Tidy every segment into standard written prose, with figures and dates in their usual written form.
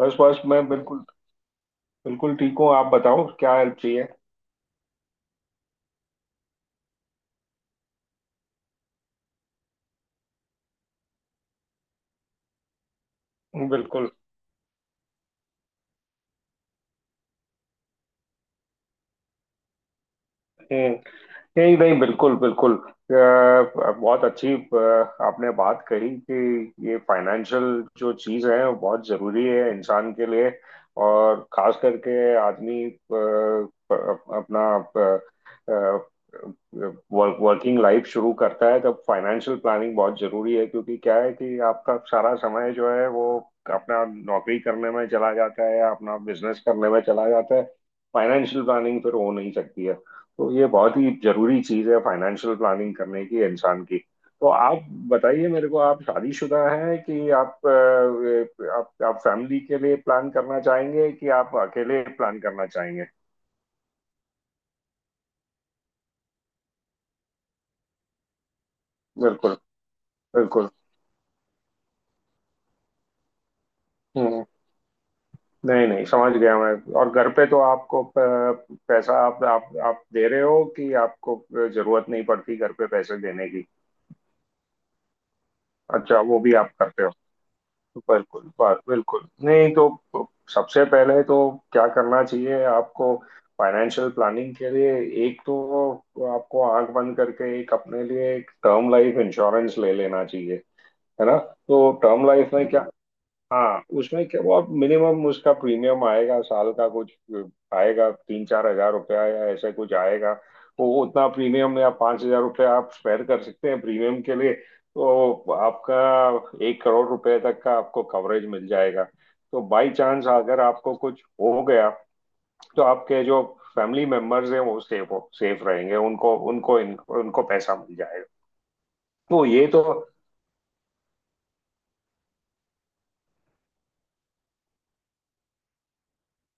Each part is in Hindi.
बस बस मैं बिल्कुल बिल्कुल ठीक हूँ। आप बताओ क्या हेल्प चाहिए। बिल्कुल। हम्म, नहीं नहीं बिल्कुल बिल्कुल। बहुत अच्छी। आपने बात कही कि ये फाइनेंशियल जो चीज़ है वो बहुत ज़रूरी है इंसान के लिए। और खास करके आदमी अपना वर्किंग लाइफ शुरू करता है तब फाइनेंशियल प्लानिंग बहुत ज़रूरी है, क्योंकि क्या है कि आपका सारा समय जो है वो अपना नौकरी करने में चला जाता है या अपना बिजनेस करने में चला जाता है। फाइनेंशियल प्लानिंग फिर हो नहीं सकती है। तो ये बहुत ही जरूरी चीज है, फाइनेंशियल प्लानिंग करने की इंसान की। तो आप बताइए मेरे को, आप शादीशुदा हैं कि आप आप फैमिली के लिए प्लान करना चाहेंगे कि आप अकेले प्लान करना चाहेंगे। बिल्कुल बिल्कुल। हम्म, नहीं नहीं, समझ गया मैं। और घर पे तो आपको पैसा आप दे रहे हो कि आपको जरूरत नहीं पड़ती घर पे पैसे देने की। अच्छा, वो भी आप करते हो। बिल्कुल बात, बिल्कुल। नहीं तो सबसे पहले तो क्या करना चाहिए आपको फाइनेंशियल प्लानिंग के लिए। एक तो आपको आंख बंद करके एक अपने लिए एक टर्म लाइफ इंश्योरेंस ले लेना चाहिए, है ना। तो टर्म लाइफ में क्या, हाँ उसमें क्या, वो आप मिनिमम उसका प्रीमियम आएगा साल का कुछ आएगा 3-4 हजार रुपया या ऐसा कुछ आएगा। वो उतना प्रीमियम या 5 हजार रुपया आप स्पेयर कर सकते हैं प्रीमियम के लिए, तो आपका 1 करोड़ रुपए तक का आपको कवरेज मिल जाएगा। तो बाई चांस अगर आपको कुछ हो गया तो आपके जो फैमिली मेंबर्स हैं वो सेफ रहेंगे, उनको उनको उनको पैसा मिल जाएगा। तो ये तो।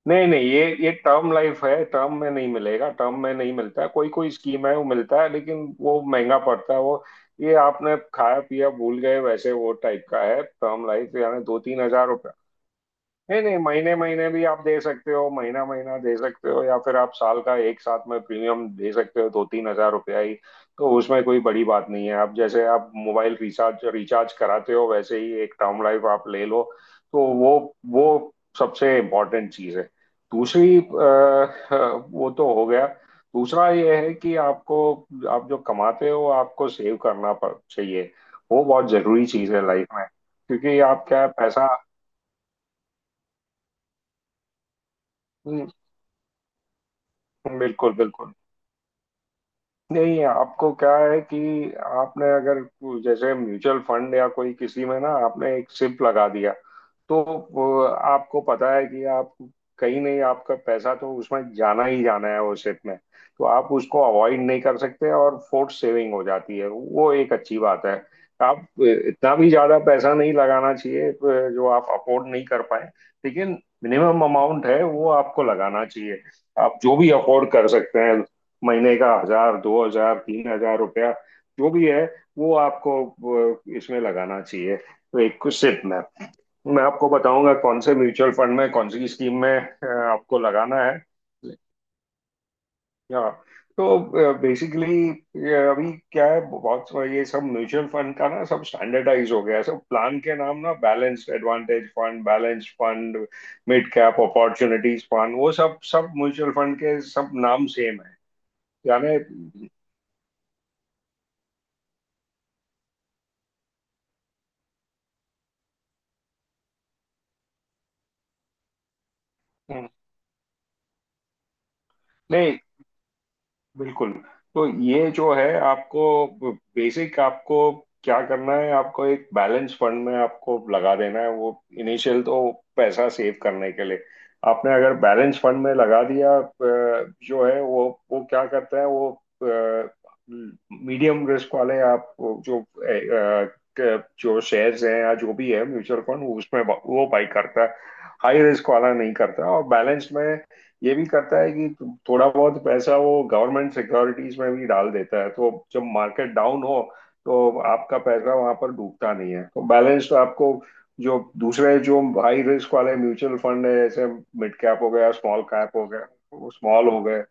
नहीं नहीं, ये ये टर्म लाइफ है, टर्म में नहीं मिलेगा। टर्म में नहीं मिलता है, कोई कोई स्कीम है वो मिलता है लेकिन वो महंगा पड़ता है वो। ये आपने खाया पिया भूल गए वैसे वो टाइप का है टर्म लाइफ, यानी 2-3 हजार रुपया। नहीं नहीं, महीने महीने भी आप दे सकते हो, महीना महीना दे सकते हो, या फिर आप साल का एक साथ में प्रीमियम दे सकते हो, 2-3 हजार रुपया ही। तो उसमें कोई बड़ी बात नहीं है, आप जैसे आप मोबाइल रिचार्ज रिचार्ज कराते हो वैसे ही एक टर्म लाइफ आप ले लो। तो वो सबसे इम्पोर्टेंट चीज़ है। दूसरी, वो तो हो गया। दूसरा ये है कि आपको आप जो कमाते हो आपको सेव करना चाहिए। वो बहुत जरूरी चीज़ है लाइफ में, क्योंकि आप क्या है, पैसा। हम्म, बिल्कुल बिल्कुल। नहीं, आपको क्या है कि आपने अगर जैसे म्यूचुअल फंड या कोई किसी में ना आपने एक सिप लगा दिया, तो वो आपको पता है कि आप कहीं नहीं आपका पैसा तो उसमें जाना ही जाना है वो सिप में। तो आप उसको अवॉइड नहीं कर सकते और फोर्स सेविंग हो जाती है, वो एक अच्छी बात है। आप इतना भी ज्यादा पैसा नहीं लगाना चाहिए जो आप अफोर्ड नहीं कर पाए, लेकिन मिनिमम अमाउंट है वो आपको लगाना चाहिए आप जो भी अफोर्ड कर सकते हैं, महीने का हजार दो हजार तीन हजार रुपया जो भी है वो आपको इसमें लगाना चाहिए, तो एक सिप में। मैं आपको बताऊंगा कौन से म्यूचुअल फंड में, कौन सी स्कीम में आपको लगाना है। या तो बेसिकली ये अभी क्या है, ये सब म्यूचुअल फंड का ना सब स्टैंडर्डाइज हो गया है, सब प्लान के नाम ना balanced advantage fund, balanced fund, mid cap opportunities fund, वो सब सब म्यूचुअल फंड के सब नाम सेम है। यानी नहीं बिल्कुल। तो ये जो है आपको बेसिक, आपको क्या करना है आपको एक बैलेंस फंड में आपको लगा देना है वो इनिशियल तो पैसा सेव करने के लिए। आपने अगर बैलेंस फंड में लगा दिया जो है वो क्या करता है वो मीडियम रिस्क वाले, आप वो जो जो शेयर्स हैं या जो भी है म्यूचुअल फंड उसमें वो बाई करता है। हाई रिस्क वाला नहीं करता, और बैलेंस में ये भी करता है कि थोड़ा बहुत पैसा वो गवर्नमेंट सिक्योरिटीज में भी डाल देता है, तो जब मार्केट डाउन हो तो आपका पैसा वहां पर डूबता नहीं है। तो बैलेंस तो आपको, जो दूसरे जो हाई रिस्क वाले म्यूचुअल फंड है जैसे मिड कैप हो गया, स्मॉल कैप हो गया, स्मॉल हो गए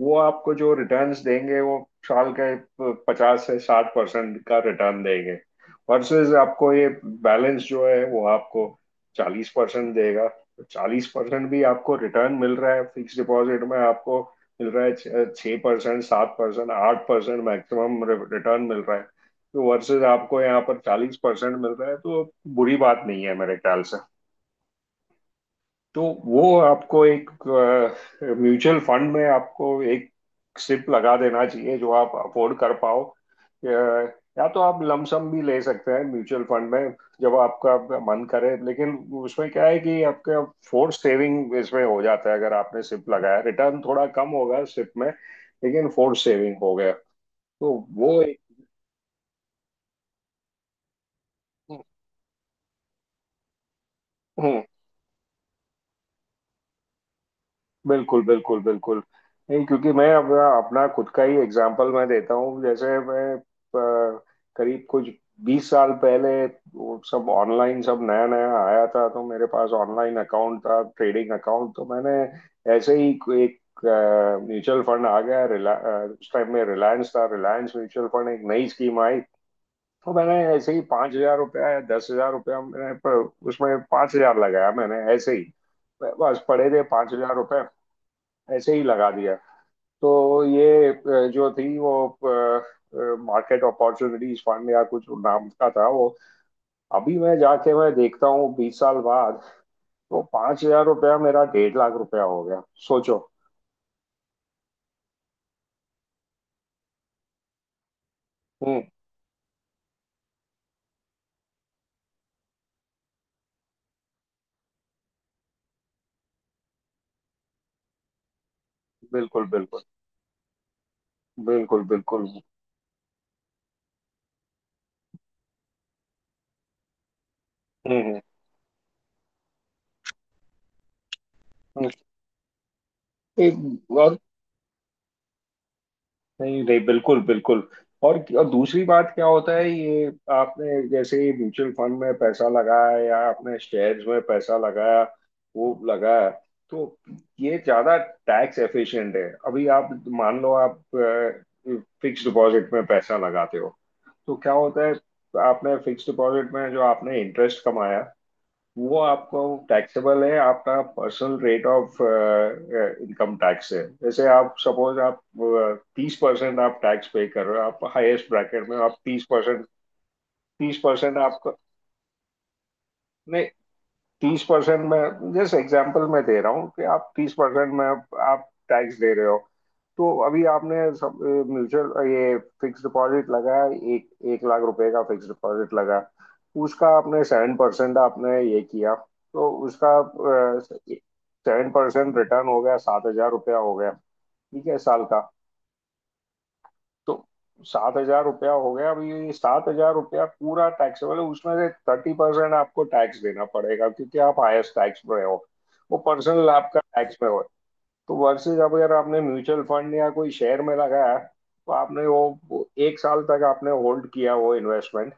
वो आपको जो रिटर्न्स देंगे वो साल के 50 से 60% का रिटर्न देंगे। वर्सेस आपको ये बैलेंस जो है वो आपको 40% देगा। तो 40% भी आपको रिटर्न मिल रहा है, फिक्स डिपॉजिट में आपको मिल रहा है 6% 7% 8% मैक्सिमम रिटर्न मिल रहा है। तो वर्सेस आपको यहाँ पर 40% मिल रहा है तो बुरी बात नहीं है मेरे ख्याल से। तो वो आपको एक म्यूचुअल फंड में आपको एक सिप लगा देना चाहिए जो आप अफोर्ड कर पाओ। अ, या तो आप लमसम भी ले सकते हैं म्यूचुअल फंड में जब आपका मन करे, लेकिन उसमें क्या है कि आपका फोर्स सेविंग इसमें हो जाता है, अगर आपने सिप लगाया रिटर्न थोड़ा कम होगा सिप में, लेकिन फोर्स सेविंग हो गया। तो वो एक, बिल्कुल, बिल्कुल, बिल्कुल। नहीं, क्योंकि मैं अपना अपना खुद का ही एग्जांपल मैं देता हूँ। जैसे मैं अ, करीब कुछ 20 साल पहले वो सब ऑनलाइन सब नया-नया आया था, तो मेरे पास ऑनलाइन अकाउंट था, ट्रेडिंग अकाउंट, तो मैंने ऐसे ही कोई एक म्यूचुअल फंड आ गया, उस टाइम में रिलायंस था, रिलायंस म्यूचुअल फंड एक नई स्कीम आई, तो मैंने ऐसे ही 5,000 रुपया या 10,000 रुपया मैंने उसमें 5,000 लगाया मैंने ऐसे ही। बस पड़े थे 5,000, ऐसे ही लगा दिया। तो ये जो थी वो मार्केट अपॉर्चुनिटीज फंड या कुछ नाम का था वो। अभी मैं जाके मैं देखता हूँ 20 साल बाद, तो 5 हजार रुपया मेरा 1.5 लाख रुपया हो गया, सोचो। हम्म, बिल्कुल बिल्कुल बिल्कुल बिल्कुल। हम्म हम्म, हम्म। एक और। नहीं नहीं, बिल्कुल बिल्कुल। और दूसरी बात क्या होता है ये, आपने जैसे म्यूचुअल फंड में पैसा लगाया या आपने शेयर्स में पैसा लगाया वो लगाया, तो ये ज्यादा टैक्स एफिशिएंट है। अभी आप मान लो आप फिक्स डिपॉजिट में पैसा लगाते हो, तो क्या होता है, आपने फिक्स डिपॉजिट में जो आपने इंटरेस्ट कमाया वो आपको टैक्सेबल है आपका personal rate of income tax है, जैसे आप सपोज आप 30% आप टैक्स पे कर रहे हो, आप हाईएस्ट ब्रैकेट में हो, आप 30%। तीस परसेंट आपको 30% में, जैसे एग्जाम्पल मैं दे रहा हूँ कि आप 30% में आप टैक्स दे रहे हो। तो अभी आपने सब म्यूचुअल ये फिक्स डिपॉजिट लगाया, एक 1 लाख रुपए का फिक्स डिपॉजिट लगा। उसका आपने 7% आपने ये किया, तो उसका 7% रिटर्न हो गया, 7 हजार रुपया हो गया। ठीक है, साल का। तो 7 हजार रुपया हो गया अभी, 7 हजार रुपया पूरा टैक्सेबल है उसमें से 30% आपको टैक्स देना पड़ेगा, क्योंकि आप हाईएस्ट टैक्स में हो, वो पर्सनल आपका टैक्स में हो। तो वर्सेज अगर आपने म्यूचुअल फंड या कोई शेयर में लगाया तो आपने वो एक साल तक आपने होल्ड किया वो इन्वेस्टमेंट,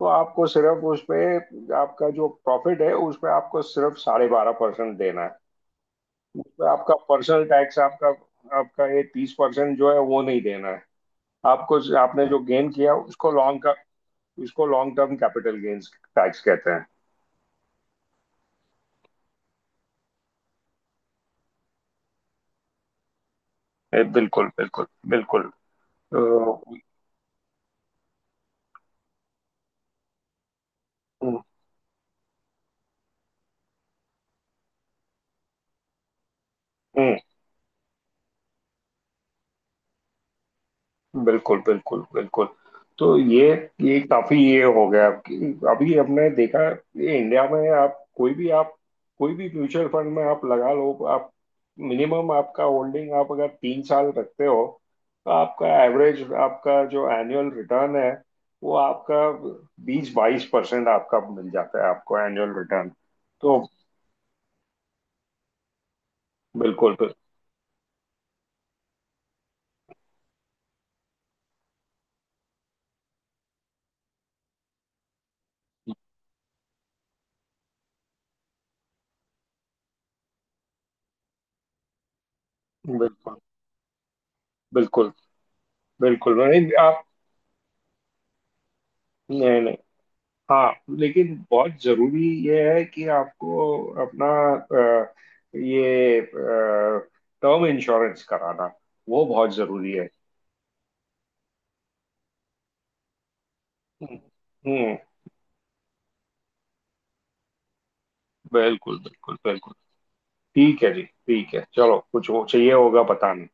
तो आपको सिर्फ उसपे आपका जो प्रॉफिट है उसपे आपको सिर्फ 12.5% देना है। उसपे आपका पर्सनल टैक्स, आपका आपका ये 30% जो है वो नहीं देना है आपको, आपने जो गेन किया उसको लॉन्ग का, उसको long term capital gains tax कहते हैं। बिल्कुल बिल्कुल बिल्कुल। अ, हम्म, बिल्कुल बिल्कुल बिल्कुल। तो ये काफी ये हो गया आपकी, अभी हमने देखा ये इंडिया में आप कोई भी, आप कोई भी म्यूचुअल फंड में आप लगा लो, आप मिनिमम आपका होल्डिंग आप अगर 3 साल रखते हो, तो आपका एवरेज आपका जो एनुअल रिटर्न है वो आपका 20-22% आपका मिल जाता है, आपको एनुअल रिटर्न। तो बिल्कुल बिल्कुल बिल्कुल बिल्कुल। नहीं आप, नहीं नहीं, हाँ, लेकिन बहुत जरूरी ये है कि आपको अपना अ, ये टर्म इंश्योरेंस कराना, वो बहुत जरूरी है। हम्म हम्म, बिल्कुल बिल्कुल बिल्कुल। ठीक है जी, ठीक है, चलो कुछ हो चाहिए होगा बताना।